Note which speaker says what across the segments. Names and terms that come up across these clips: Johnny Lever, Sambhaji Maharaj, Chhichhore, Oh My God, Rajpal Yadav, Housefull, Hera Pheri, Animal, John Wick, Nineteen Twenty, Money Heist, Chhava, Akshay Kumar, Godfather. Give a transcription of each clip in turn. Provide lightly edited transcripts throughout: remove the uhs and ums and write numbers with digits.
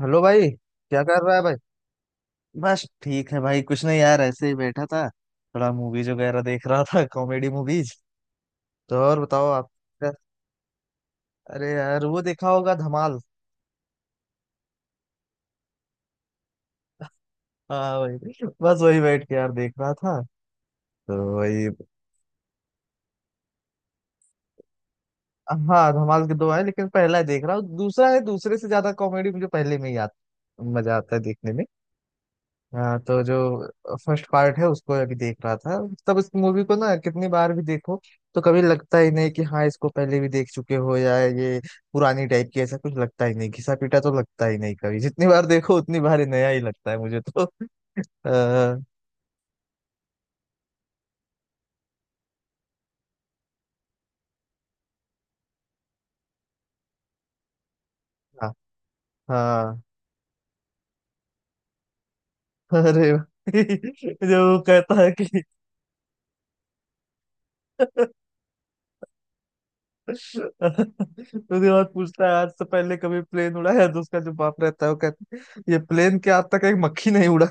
Speaker 1: Hello भाई। क्या कर रहा है भाई। बस ठीक है भाई, कुछ नहीं यार, ऐसे ही बैठा था थोड़ा मूवीज वगैरह देख रहा था कॉमेडी मूवीज। तो और बताओ आप। क्या- अरे यार, वो देखा होगा धमाल। हाँ भाई, बस वही बैठ के यार देख रहा था, तो वही। हाँ, धमाल के दो है लेकिन पहला है देख रहा हूँ, दूसरा है। दूसरे से ज्यादा कॉमेडी मुझे पहले में ही आता, मजा आता है देखने में। हाँ तो जो फर्स्ट पार्ट है उसको अभी देख रहा था। तब इस मूवी को ना कितनी बार भी देखो तो कभी लगता ही नहीं कि हाँ इसको पहले भी देख चुके हो या ये पुरानी टाइप की, ऐसा कुछ लगता ही नहीं। घिसा पीटा तो लगता ही नहीं कभी, जितनी बार देखो उतनी बार ही नया ही लगता है मुझे तो। आ, हाँ, हाँ। अरे भाई, जो वो कहता है कि उसके बाद पूछता है आज से पहले कभी प्लेन उड़ाया, तो उसका जो बाप रहता है वो कहता है ये प्लेन के आज तक एक मक्खी नहीं उड़ा।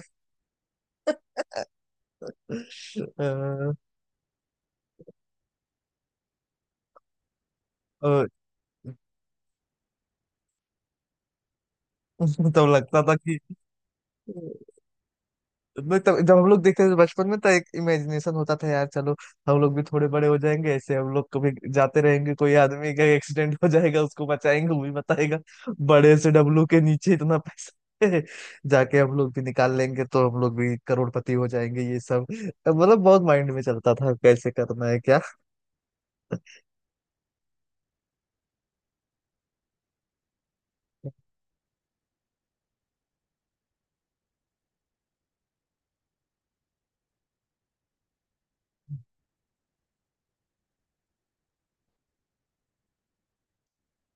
Speaker 1: अ, तब लगता था कि मैं तब जब हम लोग देखते थे बचपन में, तो एक इमेजिनेशन होता था यार। चलो हम लोग भी थोड़े बड़े हो जाएंगे, ऐसे हम लोग कभी जाते रहेंगे, कोई आदमी का एक्सीडेंट हो जाएगा उसको बचाएंगे, वो भी बताएगा बड़े से डब्लू के नीचे इतना पैसा है, जाके हम लोग भी निकाल लेंगे, तो हम लोग भी करोड़पति हो जाएंगे। ये सब मतलब बहुत माइंड में चलता था कैसे करना है क्या।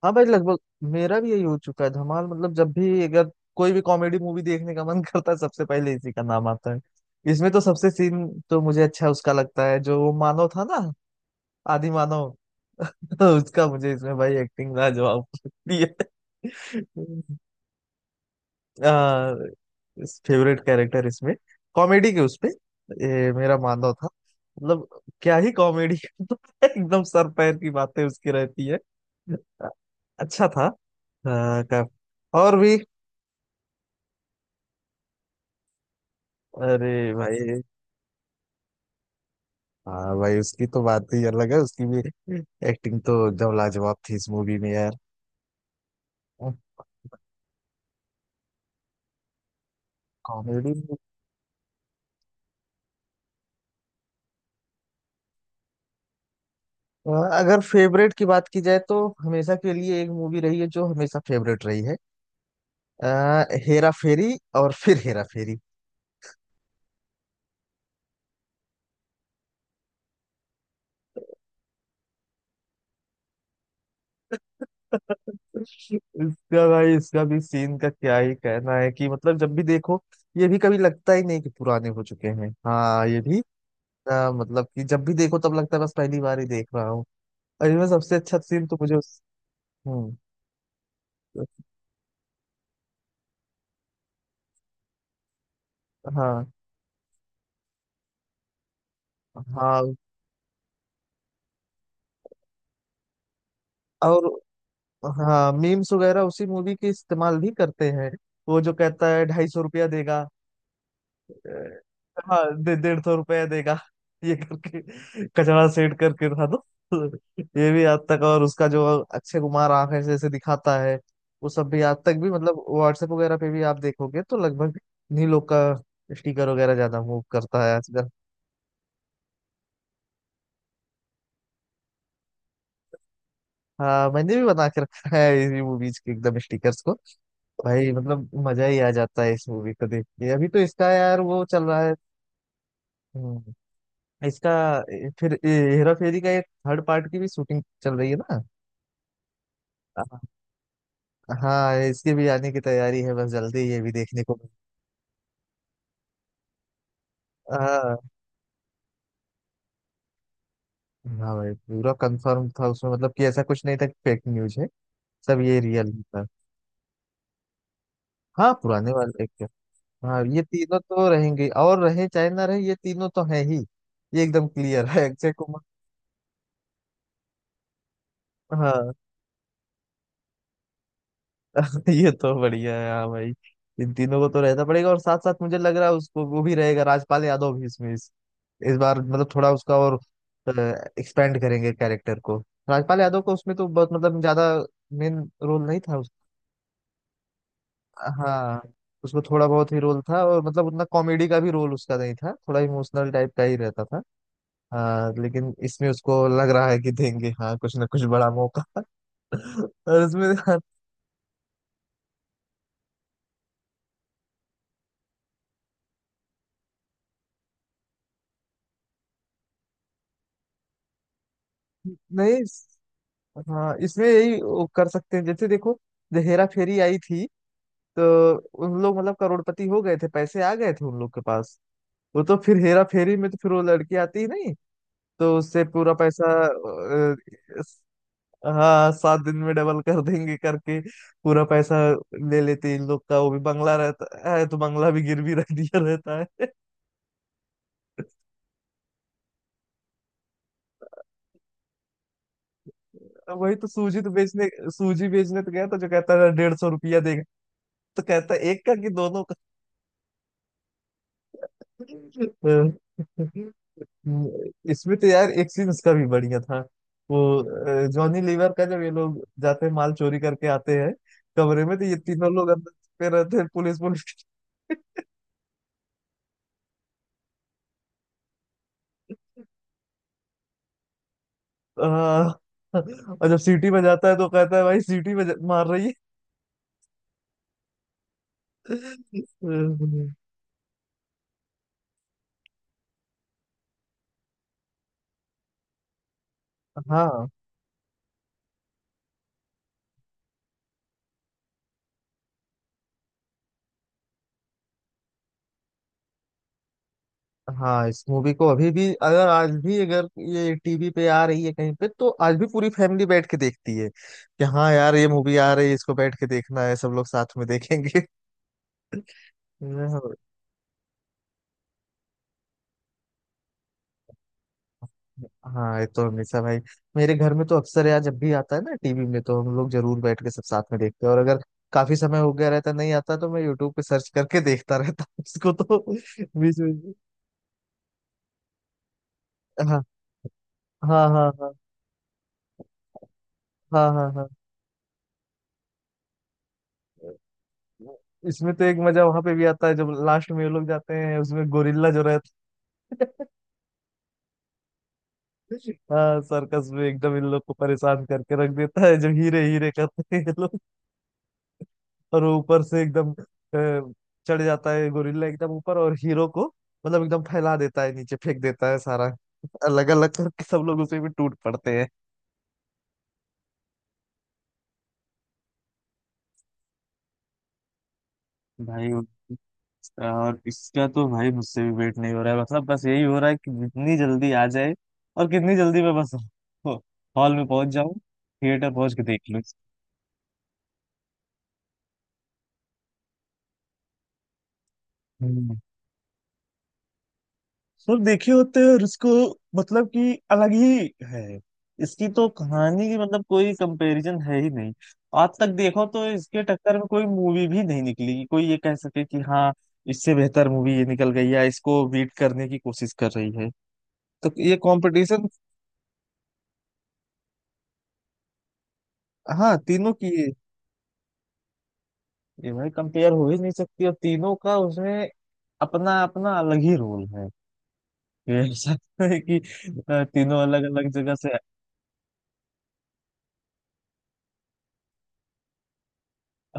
Speaker 1: हाँ भाई लगभग मेरा भी यही हो चुका है धमाल। मतलब जब भी अगर कोई भी कॉमेडी मूवी देखने का मन करता है सबसे पहले इसी का नाम आता है। इसमें तो सबसे सीन तो मुझे अच्छा उसका लगता है जो वो मानव था ना, आदि मानव। तो उसका मुझे इसमें भाई एक्टिंग लाजवाब लगती है। आ, फेवरेट कैरेक्टर इसमें कॉमेडी के उसपे ये मेरा मानव था मतलब। क्या ही कॉमेडी एकदम सर पैर की बातें उसकी रहती है। अच्छा था और भी। अरे भाई, हाँ भाई उसकी तो बात ही अलग है, उसकी भी एक्टिंग तो एकदम लाजवाब थी इस मूवी में यार। कॉमेडी। अगर फेवरेट की बात की जाए तो हमेशा के लिए एक मूवी रही है जो हमेशा फेवरेट रही है, हेरा फेरी। और फिर हेरा फेरी। इसका भाई इसका भी सीन का क्या ही कहना है कि मतलब जब भी देखो ये भी कभी लगता ही नहीं कि पुराने हो चुके हैं। हाँ ये भी, मतलब कि जब भी देखो तब लगता है बस पहली बार ही देख रहा हूँ। और इनमें सबसे अच्छा सीन तो मुझे हम्म। हाँ, हाँ। और हाँ, मीम्स वगैरह उसी मूवी के इस्तेमाल भी करते हैं। वो जो कहता है 250 रुपया देगा। हाँ दे 150 रुपया देगा, ये करके कचरा सेट करके था दो। ये भी आज तक, और उसका जो अक्षय कुमार आंखें से ऐसे दिखाता है वो सब भी आज तक भी, मतलब व्हाट्सएप वगैरह पे भी आप देखोगे तो लगभग इन्हीं लोग का स्टिकर वगैरह ज्यादा मूव करता है आजकल। हाँ, मैंने भी बना के रखा है इसी मूवीज के एकदम स्टिकर्स को। भाई मतलब मजा ही आ जाता है इस मूवी को देख के। अभी तो इसका यार वो चल रहा है। हम्म, इसका ए, फिर ए, हेरा फेरी का एक थर्ड पार्ट की भी शूटिंग चल रही है ना। हाँ इसके भी आने की तैयारी है, बस जल्दी ये भी देखने को हाँ। हाँ भाई पूरा कंफर्म था उसमें, मतलब कि ऐसा कुछ नहीं था कि फेक न्यूज है, सब ये रियल था। हाँ पुराने वाले हाँ ये तीनों तो रहेंगे, और रहे चाहे ना रहे, ये तीनों तो हैं ही। ये एकदम क्लियर है, अक्षय कुमार। हाँ ये तो बढ़िया है हाँ भाई। इन तीनों को तो रहना पड़ेगा। और साथ साथ मुझे लग रहा है उसको वो भी रहेगा, राजपाल यादव भी इसमें, इस बार मतलब थोड़ा उसका और एक्सपेंड करेंगे कैरेक्टर को। राजपाल यादव को उसमें तो बहुत मतलब ज्यादा मेन रोल नहीं था उस, हाँ उसमें थोड़ा बहुत ही रोल था, और मतलब उतना कॉमेडी का भी रोल उसका नहीं था, थोड़ा इमोशनल टाइप का ही रहता था। हाँ लेकिन इसमें उसको लग रहा है कि देंगे हाँ कुछ ना कुछ बड़ा मौका। और इसमें हाँ, नहीं, हाँ इसमें यही वो कर सकते हैं। जैसे देखो जब हेरा फेरी आई थी तो उन लोग मतलब करोड़पति हो गए थे, पैसे आ गए थे उन लोग के पास। वो तो फिर हेरा फेरी में तो फिर वो लड़की आती ही नहीं, तो उससे पूरा पैसा इस- हाँ 7 दिन में डबल कर देंगे करके पूरा पैसा ले लेते इन लोग का। वो भी बंगला रहता है तो बंगला भी गिरवी रख दिया रहता है। वही तो सूजी बेचने तो गया तो जो कहता है 150 रुपया देगा, तो कहता है एक का कि दोनों का। इसमें तो यार एक सीन उसका भी बढ़िया था, वो जॉनी लीवर का। जब ये लोग जाते हैं माल चोरी करके आते हैं कमरे में तो ये तीनों लोग अंदर छुपे रहते हैं, पुलिस पुलिस। आ, और जब सीटी बजाता है तो कहता है भाई सीटी बजा मार रही है। हाँ, हाँ इस मूवी को अभी भी, अगर आज भी अगर ये टीवी पे आ रही है कहीं पे, तो आज भी पूरी फैमिली बैठ के देखती है कि हाँ यार ये मूवी आ रही है इसको बैठ के देखना है, सब लोग साथ में देखेंगे। हाँ ये तो हमेशा भाई, मेरे घर में तो अक्सर यार जब भी आता है ना टीवी में तो हम लोग जरूर बैठ के सब साथ में देखते हैं। और अगर काफी समय हो गया रहता नहीं आता, तो मैं यूट्यूब पे सर्च करके देखता रहता हूँ इसको तो बीच बीच। हाँ, हाँ, हाँ। हाँ, हाँ, हाँ, हाँ। इसमें तो एक मजा वहां पे भी आता है जब लास्ट में ये लोग जाते हैं, उसमें गोरिल्ला जो रहता है। हाँ सर्कस में एकदम इन लोग को परेशान करके रख देता है जब हीरे हीरे करते हैं। और वो ऊपर से एकदम चढ़ जाता है गोरिल्ला एकदम ऊपर, और हीरो को मतलब एकदम फैला देता है, नीचे फेंक देता है, सारा अलग अलग करके सब लोग उसे भी टूट पड़ते हैं। भाई, और इसका तो भाई मुझसे भी वेट नहीं हो रहा है, मतलब बस यही हो रहा है कि जितनी जल्दी आ जाए, और कितनी जल्दी मैं बस हॉल में पहुंच जाऊं, थिएटर पहुंच के देख लूं। सर देखे होते हैं, और इसको मतलब कि अलग ही है। इसकी तो कहानी की मतलब कोई कंपैरिजन है ही नहीं। आज तक देखो तो इसके टक्कर में कोई मूवी भी नहीं निकली कि कोई ये कह सके कि हाँ इससे बेहतर मूवी ये निकल गई, या इसको बीट करने की कोशिश कर रही है। तो ये कंपटीशन, हाँ तीनों की ये। ये भाई कंपेयर हो ही नहीं सकती, और तीनों का उसमें अपना अपना अलग ही रोल है। ये ऐसा है कि तीनों अलग अलग जगह से।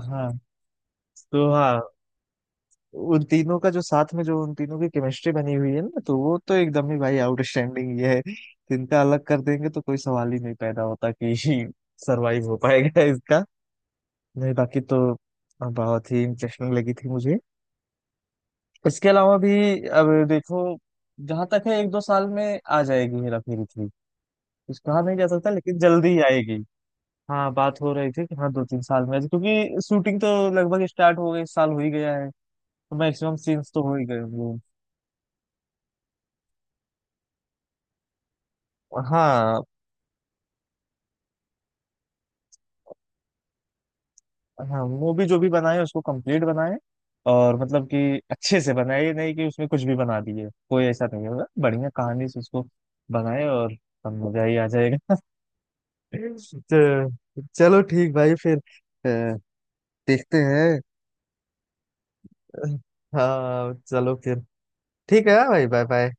Speaker 1: हाँ तो हाँ, उन तीनों का जो साथ में, जो उन तीनों की केमिस्ट्री बनी हुई है ना तो वो तो एकदम ही भाई आउटस्टैंडिंग ये है। तो इनका अलग कर देंगे तो कोई सवाल ही नहीं पैदा होता कि सरवाइव हो पाएगा इसका। नहीं, बाकी तो बहुत ही इंटरेस्टिंग लगी थी मुझे इसके अलावा भी। अब देखो जहां तक है 1-2 साल में आ जाएगी हेरा फेरी थ्री। कुछ कहा नहीं जा सकता लेकिन जल्दी ही आएगी। हाँ बात हो रही थी कि हाँ 2-3 साल में आ जाए, क्योंकि शूटिंग तो लगभग स्टार्ट हो गई, इस साल हो ही गया है, तो मैक्सिमम सीन्स तो हो ही गए होंगे। हाँ, हाँ मूवी जो भी बनाए उसको कंप्लीट बनाए, और मतलब कि अच्छे से बनाए, ये नहीं कि उसमें कुछ भी बना दिए। कोई ऐसा नहीं होगा, बढ़िया कहानी से उसको बनाए और सब मजा ही आ जाएगा। तो चलो ठीक भाई फिर, देखते हैं। हाँ चलो फिर, ठीक है भाई, बाय बाय।